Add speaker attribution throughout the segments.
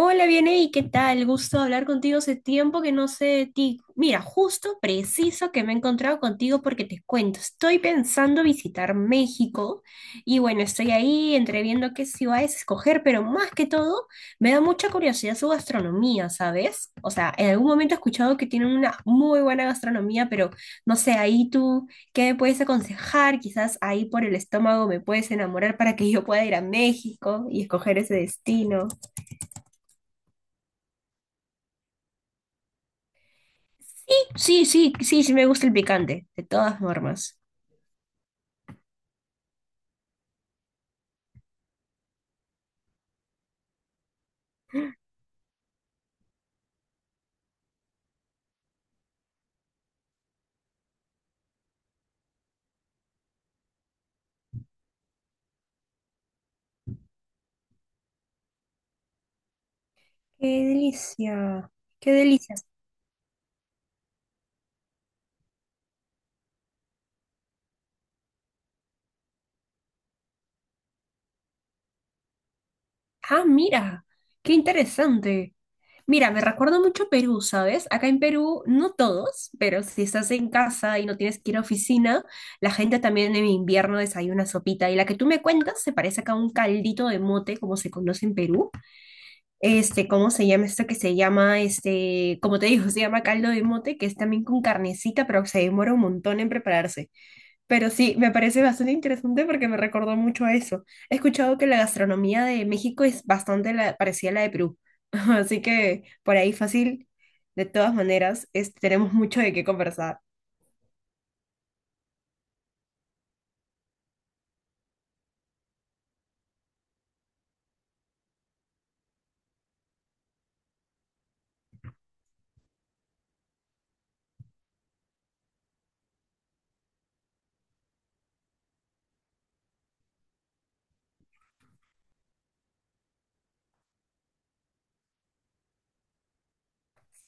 Speaker 1: Hola, viene, ¿y qué tal? Gusto hablar contigo, hace tiempo que no sé de ti. Mira, justo preciso que me he encontrado contigo porque te cuento, estoy pensando visitar México y bueno, estoy ahí entre viendo qué ciudades escoger, pero más que todo me da mucha curiosidad su gastronomía, ¿sabes? O sea, en algún momento he escuchado que tienen una muy buena gastronomía, pero no sé, ahí tú, ¿qué me puedes aconsejar? Quizás ahí por el estómago me puedes enamorar para que yo pueda ir a México y escoger ese destino. Sí, sí, sí, sí me gusta el picante, de todas formas. Qué delicia, qué delicia. Ah, mira, qué interesante. Mira, me recuerda mucho a Perú, ¿sabes? Acá en Perú, no todos, pero si estás en casa y no tienes que ir a oficina, la gente también en invierno desayuna sopita. Y la que tú me cuentas se parece acá a un caldito de mote, como se conoce en Perú. Este, ¿cómo se llama esto que se llama? Este, como te digo, se llama caldo de mote, que es también con carnecita, pero se demora un montón en prepararse. Pero sí, me parece bastante interesante porque me recordó mucho a eso. He escuchado que la gastronomía de México es bastante parecida a la de Perú. Así que por ahí fácil, de todas maneras, tenemos mucho de qué conversar.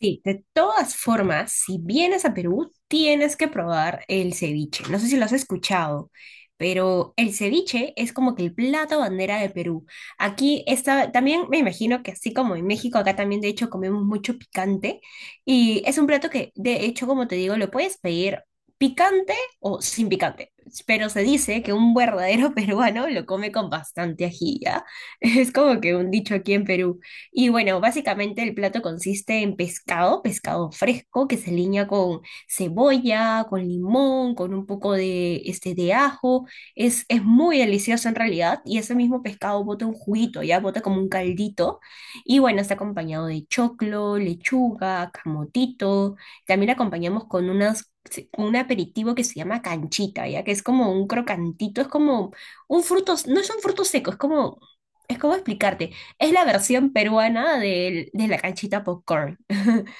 Speaker 1: Sí, de todas formas, si vienes a Perú, tienes que probar el ceviche. No sé si lo has escuchado, pero el ceviche es como que el plato bandera de Perú. Aquí está, también me imagino que así como en México, acá también de hecho comemos mucho picante y es un plato que de hecho, como te digo, lo puedes pedir picante o sin picante, pero se dice que un verdadero peruano lo come con bastante ají, ¿ya? Es como que un dicho aquí en Perú. Y bueno, básicamente el plato consiste en pescado, pescado fresco que se aliña con cebolla, con limón, con un poco de, este, de ajo. Es muy delicioso en realidad y ese mismo pescado bota un juguito, ya bota como un caldito. Y bueno, está acompañado de choclo, lechuga, camotito. También acompañamos con unas sí, con un aperitivo que se llama canchita, ya que es como un crocantito, es como un fruto, no es un fruto seco, es como explicarte. Es la versión peruana de la canchita popcorn.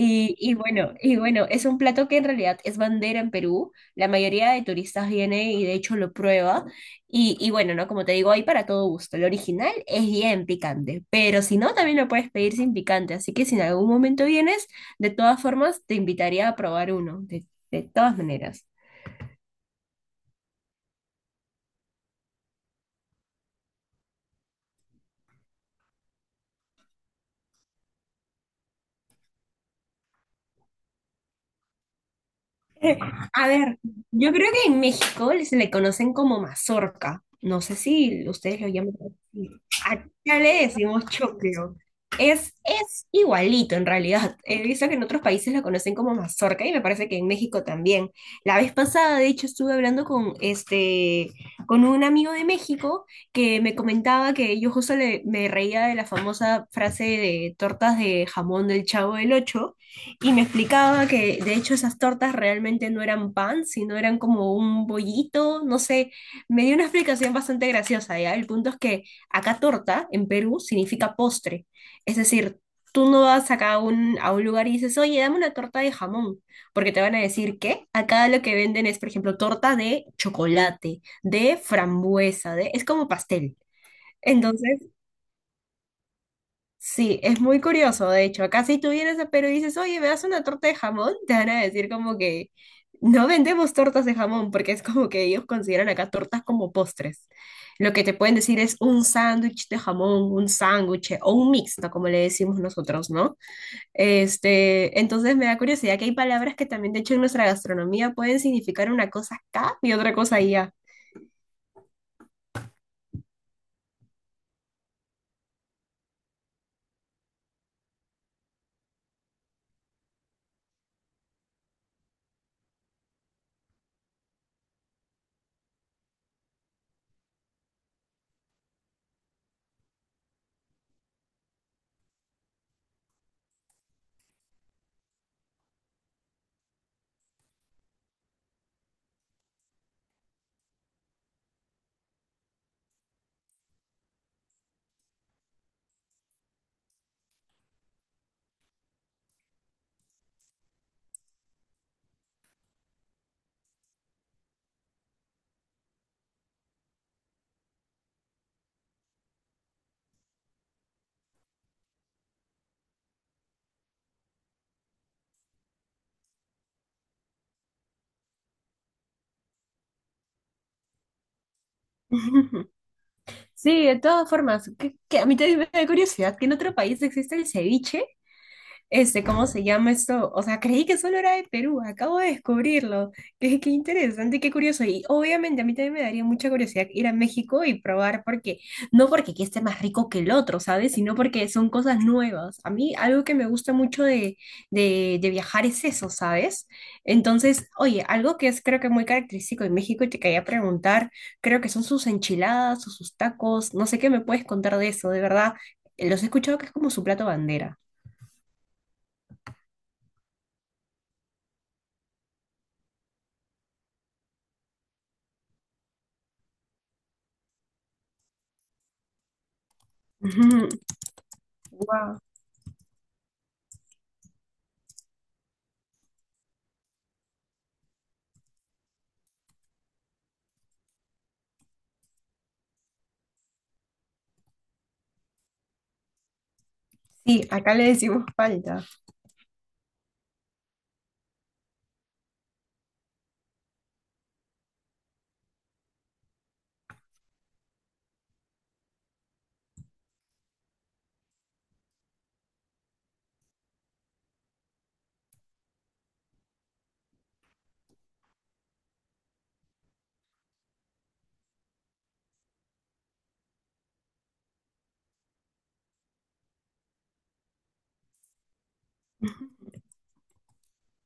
Speaker 1: Y bueno, es un plato que en realidad es bandera en Perú. La mayoría de turistas viene y de hecho lo prueba. Y bueno, ¿no? Como te digo, hay para todo gusto. El original es bien picante, pero si no, también lo puedes pedir sin picante. Así que si en algún momento vienes, de todas formas, te invitaría a probar uno, de todas maneras. A ver, yo creo que en México se le conocen como mazorca. No sé si ustedes lo llaman así. Acá le decimos choclo. Es igualito en realidad. He visto que en otros países lo conocen como mazorca y me parece que en México también. La vez pasada, de hecho, estuve hablando con, este, con un amigo de México que me comentaba que yo justo me reía de la famosa frase de tortas de jamón del Chavo del Ocho y me explicaba que de hecho esas tortas realmente no eran pan, sino eran como un bollito, no sé, me dio una explicación bastante graciosa, ¿ya? El punto es que acá torta en Perú significa postre, es decir, tú no vas acá a un lugar y dices, oye, dame una torta de jamón, porque te van a decir que acá lo que venden es, por ejemplo, torta de chocolate, de frambuesa, de es como pastel. Entonces, sí, es muy curioso, de hecho. Acá si tú vienes a Perú y dices, oye, ¿me das una torta de jamón? Te van a decir como que no vendemos tortas de jamón, porque es como que ellos consideran acá tortas como postres. Lo que te pueden decir es un sándwich de jamón, un sándwich o un mixto, como le decimos nosotros, ¿no? Este, entonces me da curiosidad que hay palabras que también, de hecho, en nuestra gastronomía pueden significar una cosa acá y otra cosa allá. Sí, de todas formas, que a mí también me da curiosidad que en otro país existe el ceviche este, ¿cómo se llama esto? O sea, creí que solo era de Perú, acabo de descubrirlo. Qué, qué interesante, qué curioso. Y obviamente a mí también me daría mucha curiosidad ir a México y probar, porque no porque aquí esté más rico que el otro, ¿sabes? Sino porque son cosas nuevas. A mí algo que me gusta mucho de viajar es eso, ¿sabes? Entonces, oye, algo que es creo que muy característico de México y te quería preguntar, creo que son sus enchiladas o sus tacos, no sé qué me puedes contar de eso, de verdad. Los he escuchado que es como su plato bandera. Wow. Sí, acá le decimos palta.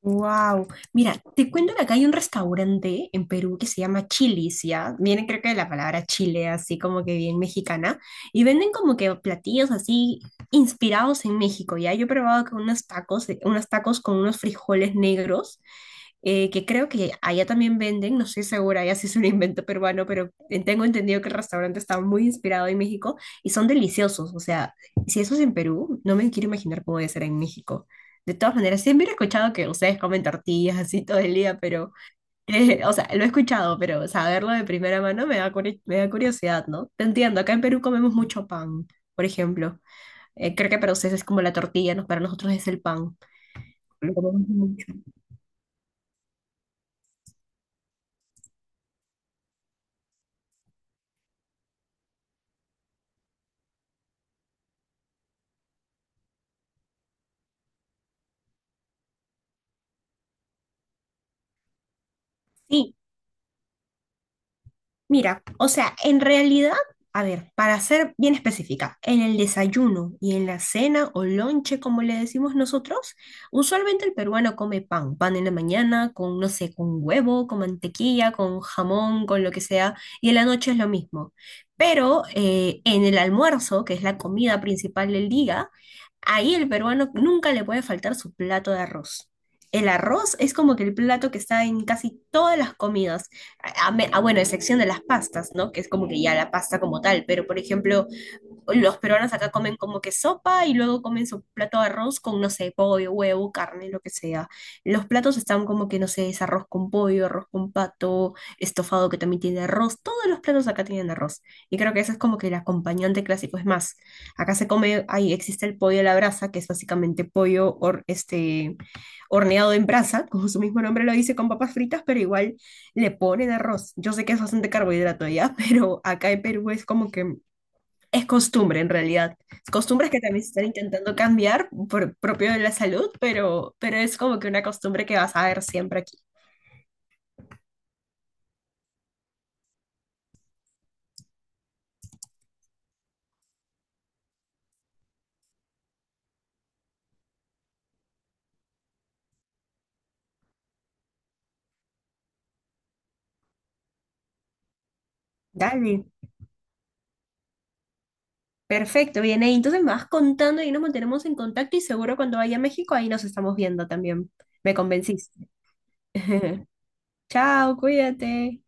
Speaker 1: Wow. Mira, te cuento que acá hay un restaurante en Perú que se llama Chili's, ¿ya? Viene creo que de la palabra chile, así como que bien mexicana. Y venden como que platillos así inspirados en México, ¿ya? Yo he probado con unos tacos, unos tacos con unos frijoles negros. Que creo que allá también venden, no estoy segura, allá sí es un invento peruano, pero tengo entendido que el restaurante está muy inspirado en México y son deliciosos. O sea, si eso es en Perú, no me quiero imaginar cómo debe ser en México. De todas maneras, siempre he escuchado que ustedes comen tortillas así todo el día, pero, o sea, lo he escuchado, pero saberlo de primera mano me da, me da curiosidad, ¿no? Te entiendo, acá en Perú comemos mucho pan, por ejemplo. Creo que para ustedes es como la tortilla, ¿no? Para nosotros es el pan. Lo comemos mucho. Sí, mira, o sea, en realidad, a ver, para ser bien específica, en el desayuno y en la cena o lonche, como le decimos nosotros, usualmente el peruano come pan, pan en la mañana con, no sé, con huevo, con mantequilla, con jamón, con lo que sea, y en la noche es lo mismo. Pero en el almuerzo, que es la comida principal del día, ahí el peruano nunca le puede faltar su plato de arroz. El arroz es como que el plato que está en casi todas las comidas bueno, a excepción de las pastas, ¿no? Que es como que ya la pasta como tal, pero por ejemplo, los peruanos acá comen como que sopa y luego comen su plato de arroz con, no sé, pollo, huevo, carne, lo que sea. Los platos están como que, no sé, es arroz con pollo, arroz con pato, estofado que también tiene arroz. Todos los platos acá tienen arroz. Y creo que eso es como que el acompañante clásico. Es más, acá se come, ahí existe el pollo a la brasa, que es básicamente pollo este, horneado en brasa, como su mismo nombre lo dice, con papas fritas, pero igual le ponen arroz. Yo sé que es bastante carbohidrato ya, pero acá en Perú es como que es costumbre en realidad. Costumbres que también se están intentando cambiar por propio de la salud, pero es como que una costumbre que vas a ver siempre aquí. Dale. Perfecto, bien ahí. Entonces me vas contando y nos mantenemos en contacto y seguro cuando vaya a México ahí nos estamos viendo también. Me convenciste. Chao, cuídate.